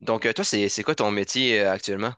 Donc, toi, c'est quoi ton métier actuellement?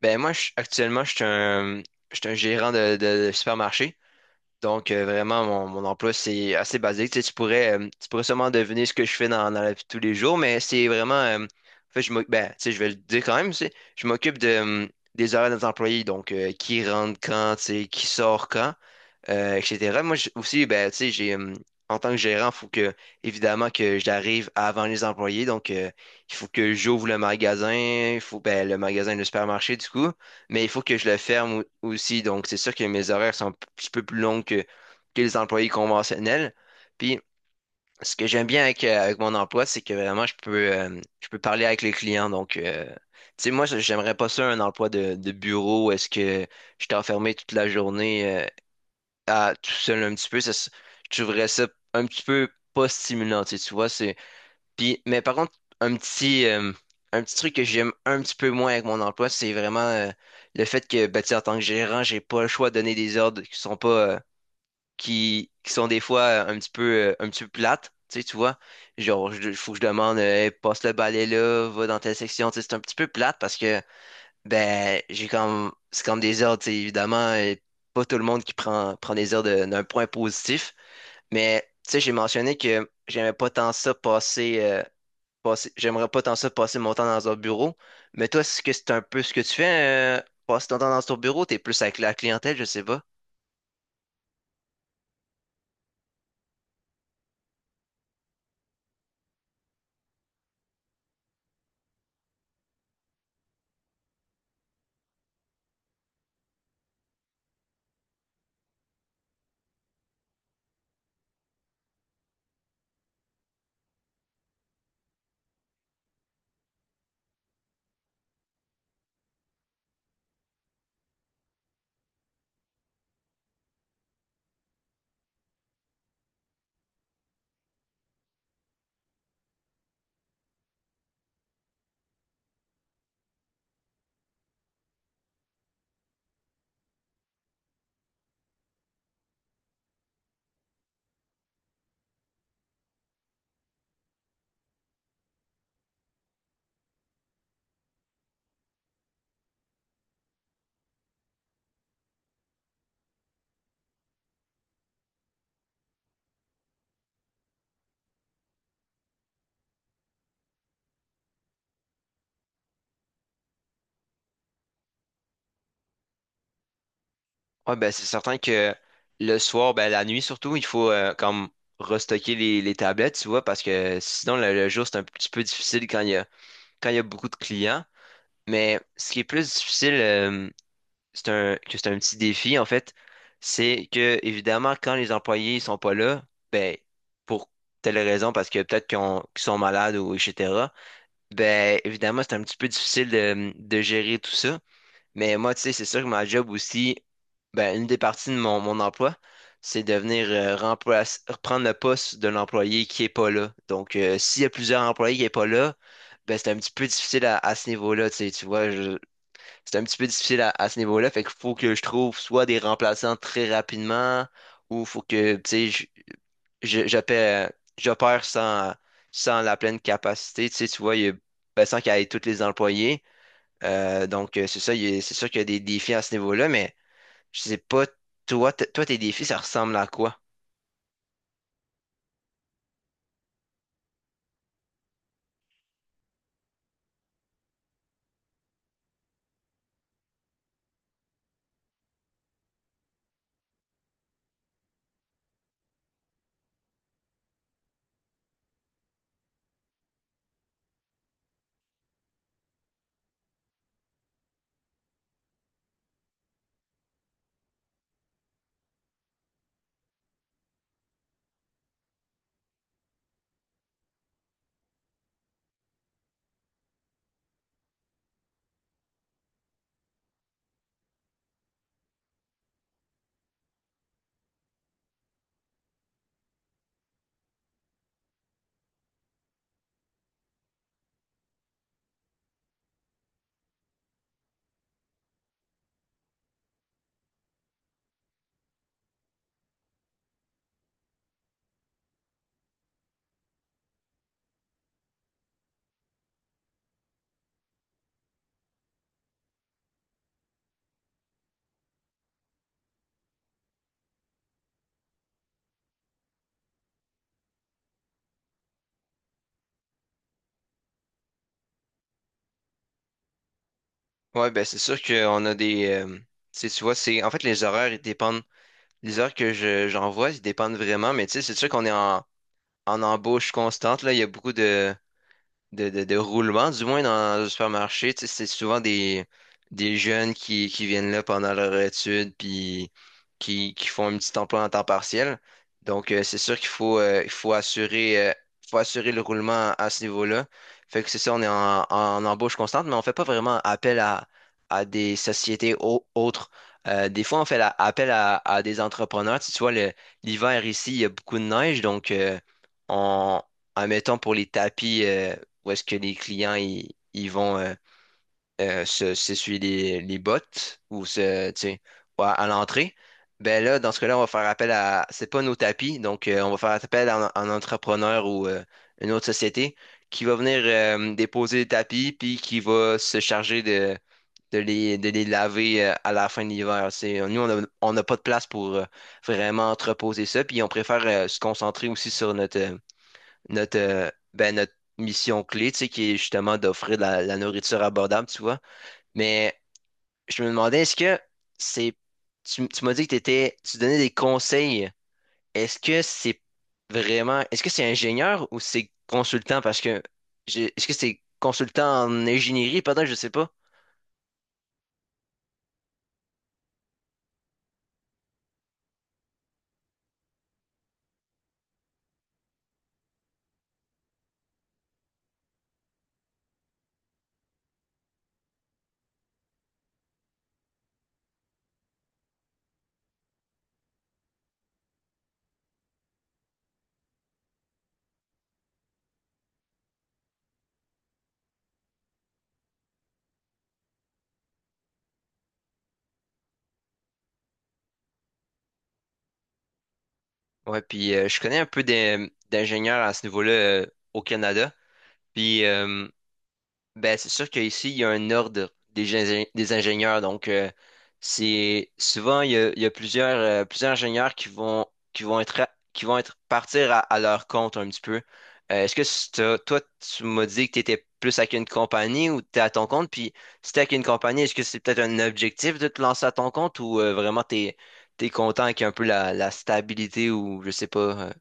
Ben, moi, actuellement, je suis un gérant de supermarché. Donc, vraiment, mon emploi, c'est assez basique. Tu sais, tu pourrais sûrement deviner ce que je fais dans la vie de tous les jours, mais c'est vraiment. En fait, ben, tu sais, je vais le dire quand même, tu sais, je m'occupe des horaires de nos employés. Donc, qui rentre quand, tu sais, qui sort quand, etc. Moi aussi, ben, tu sais, en tant que gérant, évidemment, que j'arrive avant les employés. Donc, il faut que j'ouvre le magasin, le supermarché, du coup, mais il faut que je le ferme aussi. Donc, c'est sûr que mes horaires sont un petit peu plus longs que les employés conventionnels. Puis, ce que j'aime bien avec mon emploi, c'est que vraiment, je peux parler avec les clients. Donc, tu sais, moi, j'aimerais pas ça, un emploi de bureau, est-ce que j'étais enfermé toute la journée, à tout seul un petit peu. Je trouverais ça un petit peu pas stimulant, tu sais, tu vois, Puis, mais par contre, un petit, euh, un petit truc que j'aime un petit peu moins avec mon emploi, c'est vraiment, le fait que, bah, tu sais, en tant que gérant, j'ai pas le choix de donner des ordres qui sont pas, qui sont des fois un petit peu plates, tu sais, tu vois. Genre, il faut que je demande, Hey, passe le balai là, va dans telle section », tu sais, c'est un petit peu plate parce que ben, c'est comme des heures, tu sais, évidemment, pas tout le monde qui prend des heures d'un point positif. Mais, tu sais, j'ai mentionné que j'aimais pas tant ça passer, j'aimerais pas tant ça passer mon temps dans un bureau. Mais toi, est-ce que c'est un peu ce que tu fais, passer ton temps dans ton bureau, t'es plus avec la clientèle, je sais pas? Ouais, ben, c'est certain que le soir, ben, la nuit surtout, il faut, comme, restocker les tablettes, tu vois, parce que sinon, le jour, c'est un petit peu difficile quand il y a beaucoup de clients. Mais ce qui est plus difficile, que c'est un petit défi, en fait, c'est que, évidemment, quand les employés sont pas là, ben, pour telle raison, parce que peut-être qu'ils sont malades ou etc., ben, évidemment, c'est un petit peu difficile de gérer tout ça. Mais moi, tu sais, c'est sûr que ma job aussi, ben, une des parties de mon emploi, c'est de venir reprendre le poste de l'employé qui est pas là. Donc, s'il y a plusieurs employés qui est pas là, ben, c'est un petit peu difficile à ce niveau-là, tu sais, tu vois, c'est un petit peu difficile à ce niveau-là. Fait qu'il faut que je trouve soit des remplaçants très rapidement, ou faut que, tu sais, je- j'opère, j'opère sans la pleine capacité. Tu sais, tu vois, ben, sans qu'il y ait tous les employés. Donc, c'est ça, c'est sûr qu'il y a des défis à ce niveau-là, mais je sais pas, toi, toi, tes défis, ça ressemble à quoi? Ouais, ben, c'est sûr tu sais, tu vois, en fait, les horaires, les heures que j'envoie, ils dépendent vraiment, mais tu sais, c'est sûr qu'on est en embauche constante, là, il y a beaucoup de roulement, du moins dans le supermarché. Tu sais, c'est souvent des jeunes qui viennent là pendant leur étude, puis qui font un petit emploi en temps partiel. Donc, c'est sûr faut assurer le roulement à ce niveau-là. Fait que c'est ça, on est en embauche constante, mais on fait pas vraiment appel à des sociétés autres. Des fois, on fait appel à des entrepreneurs. Tu vois, l'hiver ici, il y a beaucoup de neige, donc on, admettons, pour les tapis, où est-ce que les clients ils vont se s'essuyer les bottes ou se, tu sais, ou à l'entrée, ben là, dans ce cas-là, on va faire appel à — c'est pas nos tapis, donc on va faire appel à un entrepreneur ou une autre société qui va venir déposer les tapis, puis qui va se charger de les laver à la fin de l'hiver. C'est, nous, on n'a pas de place pour vraiment entreposer ça, puis on préfère se concentrer aussi sur ben, notre mission clé, tu sais, qui est justement d'offrir de la nourriture abordable, tu vois. Mais je me demandais, est-ce que c'est. Tu m'as dit que t'étais, tu donnais des conseils. Est-ce que c'est vraiment. est-ce que c'est ingénieur ou c'est consultant? Est-ce que c'est consultant en ingénierie? Pardon, je sais pas. Ouais, puis je connais un peu d'ingénieurs à ce niveau-là au Canada. Puis. Ben, c'est sûr qu'ici, il y a un ordre des ingénieurs. Donc, c'est souvent, il y a plusieurs, plusieurs ingénieurs qui vont être partir à leur compte un petit peu. Est-ce que toi, tu m'as dit que tu étais plus avec une compagnie ou tu es à ton compte? Puis, si tu avec une compagnie, est-ce que c'est peut-être un objectif de te lancer à ton compte, ou vraiment content avec un peu la stabilité, ou je sais pas. euh,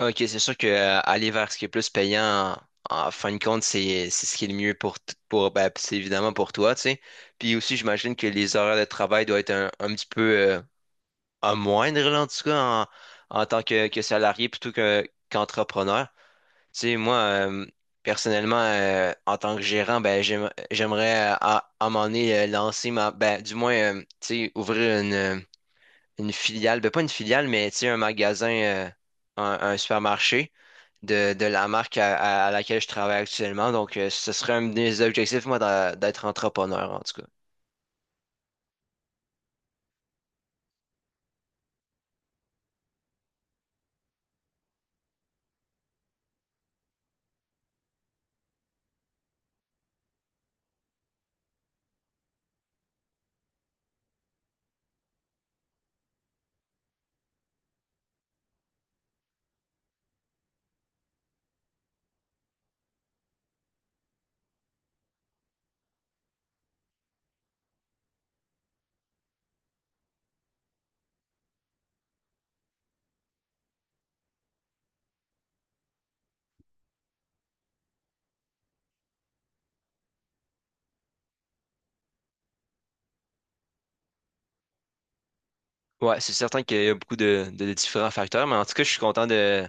OK, c'est sûr que aller vers ce qui est plus payant, en fin de compte, c'est ce qui est le mieux pour, t- pour ben, c'est évidemment pour toi, tu sais. Puis aussi, j'imagine que les horaires de travail doivent être un petit peu à moindre, là, en tout cas, en tant que salarié plutôt qu'entrepreneur. Tu sais, moi, personnellement, en tant que gérant, ben, j'aimerais à un moment donné lancer ma, ben, du moins, tu sais, ouvrir une filiale, ben, pas une filiale, mais tu sais, un magasin, un supermarché de la marque laquelle je travaille actuellement. Donc, ce serait un de mes objectifs, moi, d'être entrepreneur, en tout cas. Ouais, c'est certain qu'il y a beaucoup de différents facteurs, mais en tout cas, je suis content de,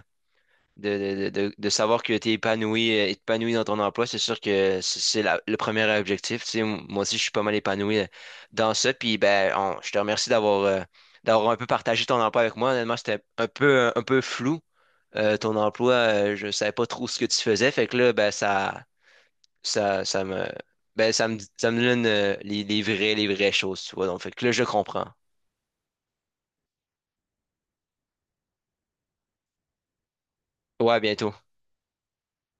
de, de, de, de savoir que tu es épanoui dans ton emploi, c'est sûr que le premier objectif. Tu sais, moi aussi, je suis pas mal épanoui dans ça. Puis ben, je te remercie d'avoir un peu partagé ton emploi avec moi. Honnêtement, c'était un peu peu flou. Ton emploi, je savais pas trop ce que tu faisais. Fait que là, ben ça, ça me ça me donne les vraies choses, tu vois. Donc, fait que là, je comprends. Ouais, à bientôt.